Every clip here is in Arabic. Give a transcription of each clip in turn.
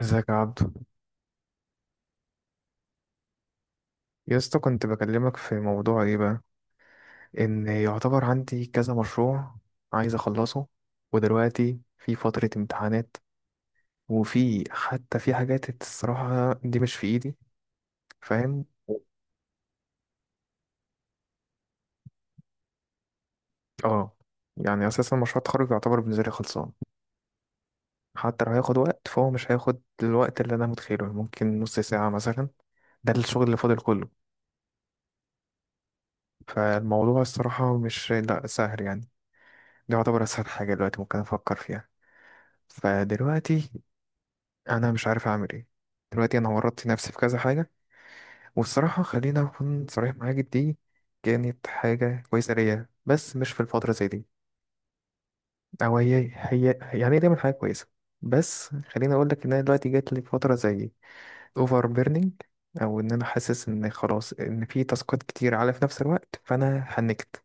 ازيك يا عبدو، يا اسطى كنت بكلمك في موضوع ايه بقى؟ ان يعتبر عندي كذا مشروع، عايز اخلصه، ودلوقتي في فترة امتحانات، وفي حتى في حاجات الصراحة دي مش في ايدي، فاهم؟ اه. يعني اساسا مشروع التخرج يعتبر بالنسبة لي خلصان، حتى لو هياخد وقت فهو مش هياخد الوقت اللي انا متخيله، ممكن نص ساعة مثلا. ده الشغل اللي فاضل كله. فالموضوع الصراحة مش، لا، سهل يعني، ده يعتبر اسهل حاجة دلوقتي ممكن افكر فيها. فدلوقتي انا مش عارف اعمل ايه. دلوقتي انا ورطت نفسي في كذا حاجه، والصراحه خلينا اكون صريح معاك، دي كانت حاجه كويسه ليا بس مش في الفتره زي دي، او هي يعني هي دايما حاجه كويسه، بس خليني اقول لك ان انا دلوقتي جات لي فتره زي اوفر بيرنينج، او ان انا حاسس ان خلاص، ان في تاسكات كتير على في نفس الوقت، فانا حنكت.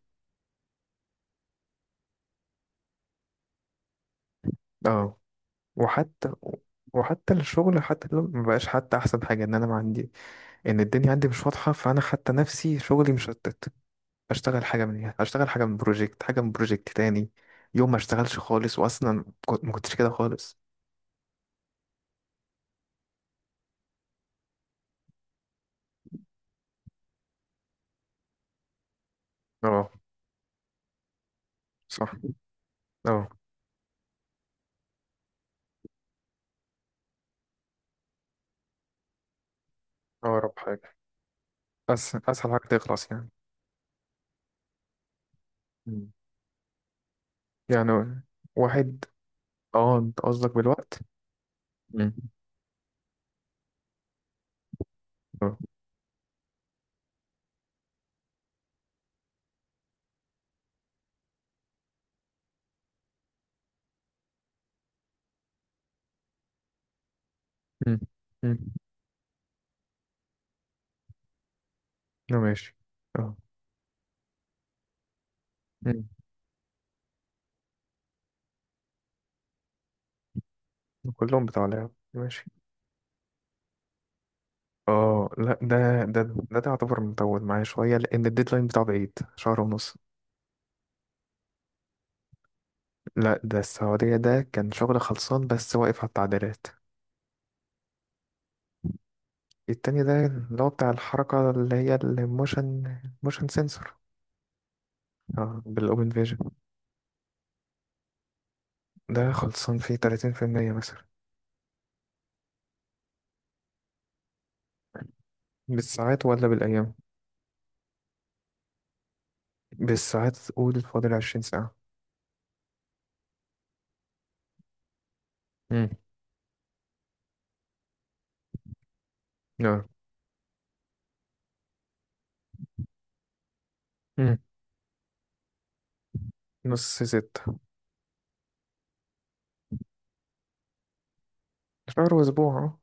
اه. وحتى وحتى الشغل، حتى لو مبقاش، حتى احسن حاجه ان انا ما عندي، ان الدنيا عندي مش واضحه، فانا حتى نفسي شغلي مشتت، اشتغل حاجه من، اشتغل حاجه من بروجكت، حاجه من بروجكت تاني، يوم ما اشتغلش خالص، واصلا ما كنتش كده خالص. اه. صح. اه. اقرب حاجة. اسهل حاجه تخلص يعني. مم. يعني واحد. اه، انت قصدك بالوقت؟ مم. اه. مم. مم. لا، ماشي. اه. مم. كلهم بتاع لعب، ماشي. اه، لا ده يعتبر مطول معايا شويه، لان الديدلاين بتاعه بعيد شهر ونص. لا، ده السعوديه، ده كان شغل خلصان بس واقف على التعديلات. التاني ده اللي هو بتاع الحركة، اللي هي الموشن، موشن سنسور. اه، بالأوبن فيجن. ده خلصان فيه 30% مثلا. بالساعات ولا بالأيام؟ بالساعات قول، فاضل 20 ساعة. امم. اه. امم. 5:30. شهر وأسبوع اه.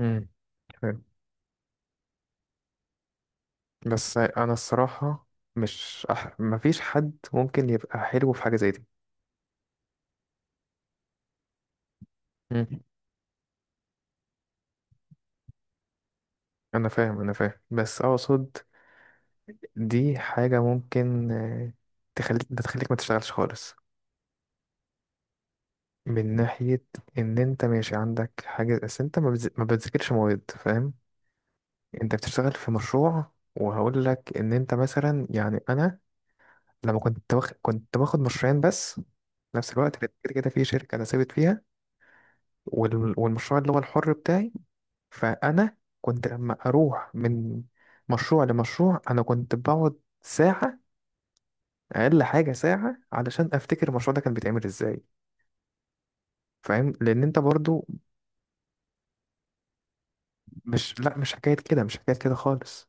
امم. حلو. بس أنا الصراحة، مش أح... مفيش حد ممكن يبقى حلو في حاجة زي دي. مم. أنا فاهم، أنا فاهم، بس أقصد دي حاجة ممكن تخليك ما تشتغلش خالص. من ناحية إن أنت ماشي عندك حاجة، بس أنت ما بتذاكرش مواد، فاهم؟ أنت بتشتغل في مشروع، وهقول لك إن أنت مثلا، يعني أنا لما كنت واخد، كنت باخد مشروعين بس في نفس الوقت، كانت كده كده في شركة أنا ثابت فيها، والمشروع اللي هو الحر بتاعي، فأنا كنت لما أروح من مشروع لمشروع أنا كنت بقعد ساعة، أقل حاجة ساعة، علشان أفتكر المشروع ده كان بيتعمل إزاي، فاهم؟ لأن أنت برضو مش، لا، مش حكاية كده، مش حكاية كده خالص،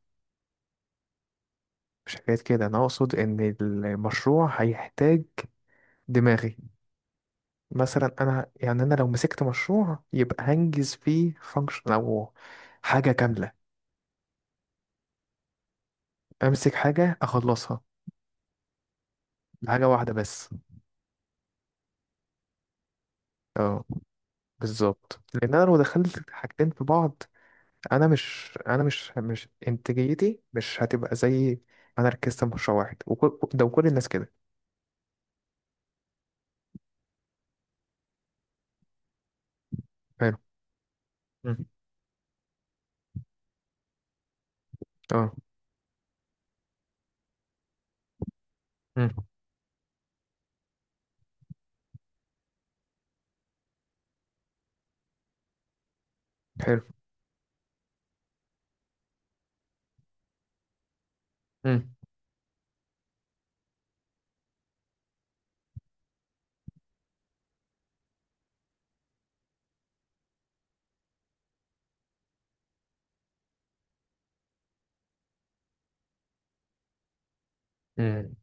مش حكاية كده، أنا أقصد إن المشروع هيحتاج دماغي. مثلا أنا، يعني أنا لو مسكت مشروع يبقى هنجز فيه فانكشن أو حاجة كاملة، أمسك حاجة أخلصها، حاجة واحدة بس. اه، بالظبط، لأن أنا لو دخلت حاجتين في بعض، أنا مش أنا مش مش إنتاجيتي مش هتبقى زي ما أنا ركزت في مشروع واحد، وكل ده وكل الناس كده. حلو. مم. اه. مم. حلو. مم. مم.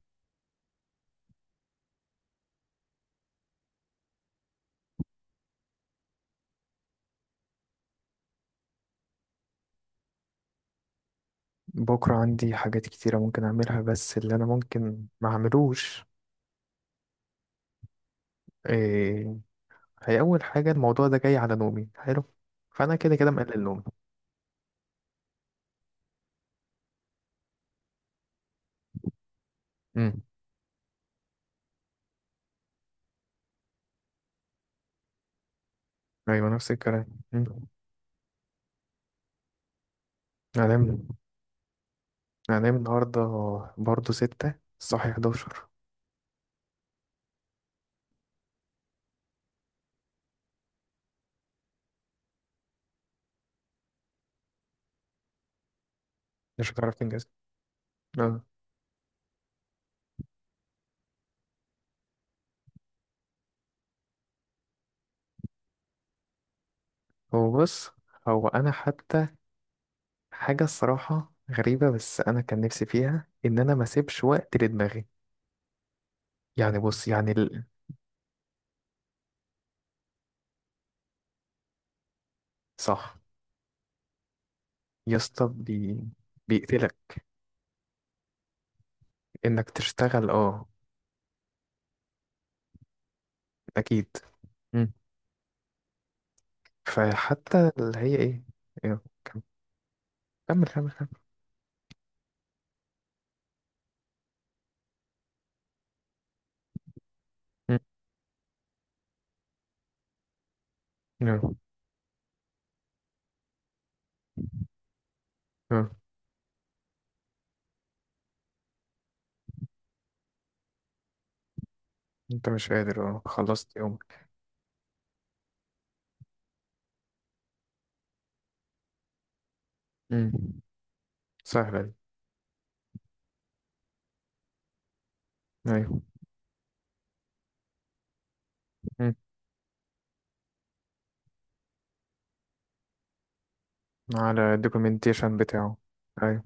بكرة عندي حاجات كتيرة ممكن أعملها، بس اللي أنا ممكن ما أعملوش إيه؟ هي أول حاجة، الموضوع ده جاي على نومي، حلو، فأنا كده كده مقلل نومي. امم. أيوة، نفس الكلام. امم. هنام. هنام النهاردة برضه ستة، صاحي حداشر. مش هتعرف تنجز. آه. هو بص، هو أنا حتى حاجة الصراحة غريبة، بس أنا كان نفسي فيها إن أنا ما أسيبش وقت لدماغي، يعني بص، يعني ال... صح. يا اسطى بي... بيقتلك انك تشتغل، اه. اكيد. مم. فحتى اللي هي ايه. يلا، كمل. كمل كمل كمل. مم. يلا. يلا. انت مش قادر، اه، خلصت يومك. مم. سهلة دي. ايوه. مم. على الدوكيومنتيشن بتاعه. ايوه.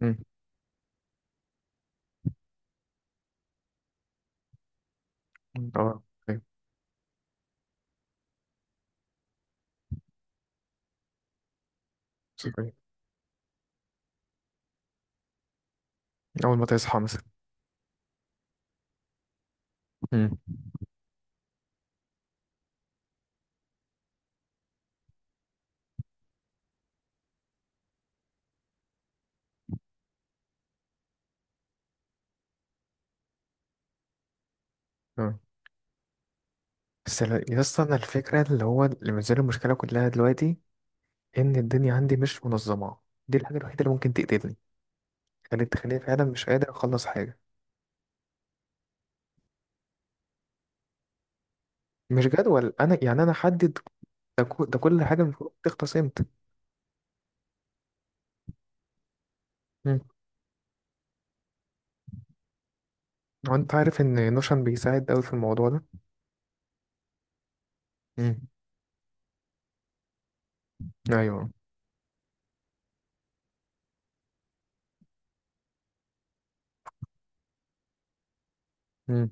مم. اه. ايوه. صحيح. اول ما تصحى مثلا. مم. اه. بس يا اسطى، انا الفكرة اللي هو اللي مازال المشكلة كلها دلوقتي، ان الدنيا عندي مش منظمة، دي الحاجة الوحيدة اللي ممكن تقتلني، خليت تخليني فعلا مش قادر اخلص حاجة. مش جدول، انا يعني انا حدد ده كل حاجه المفروض تخلص امتى. امم. وانت عارف ان نوشن بيساعد قوي في الموضوع ده. امم. ايوه. امم.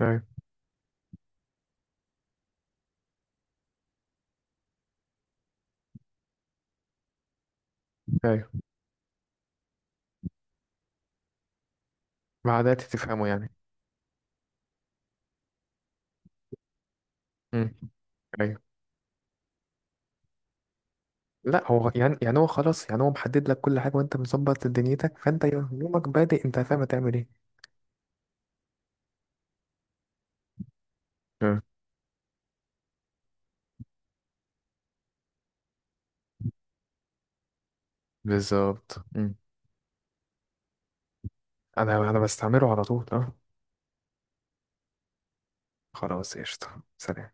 ايوه. ايوه. بعدها تفهمه يعني. امم. ايوه. لا، هو يعني هو خلاص، يعني هو محدد لك كل حاجه وانت مظبط دنيتك، فانت يومك بادئ، انت فاهم هتعمل ايه. آه، بالظبط. مم. انا بستعمله على طول، اه. خلاص، قشطه، سلام.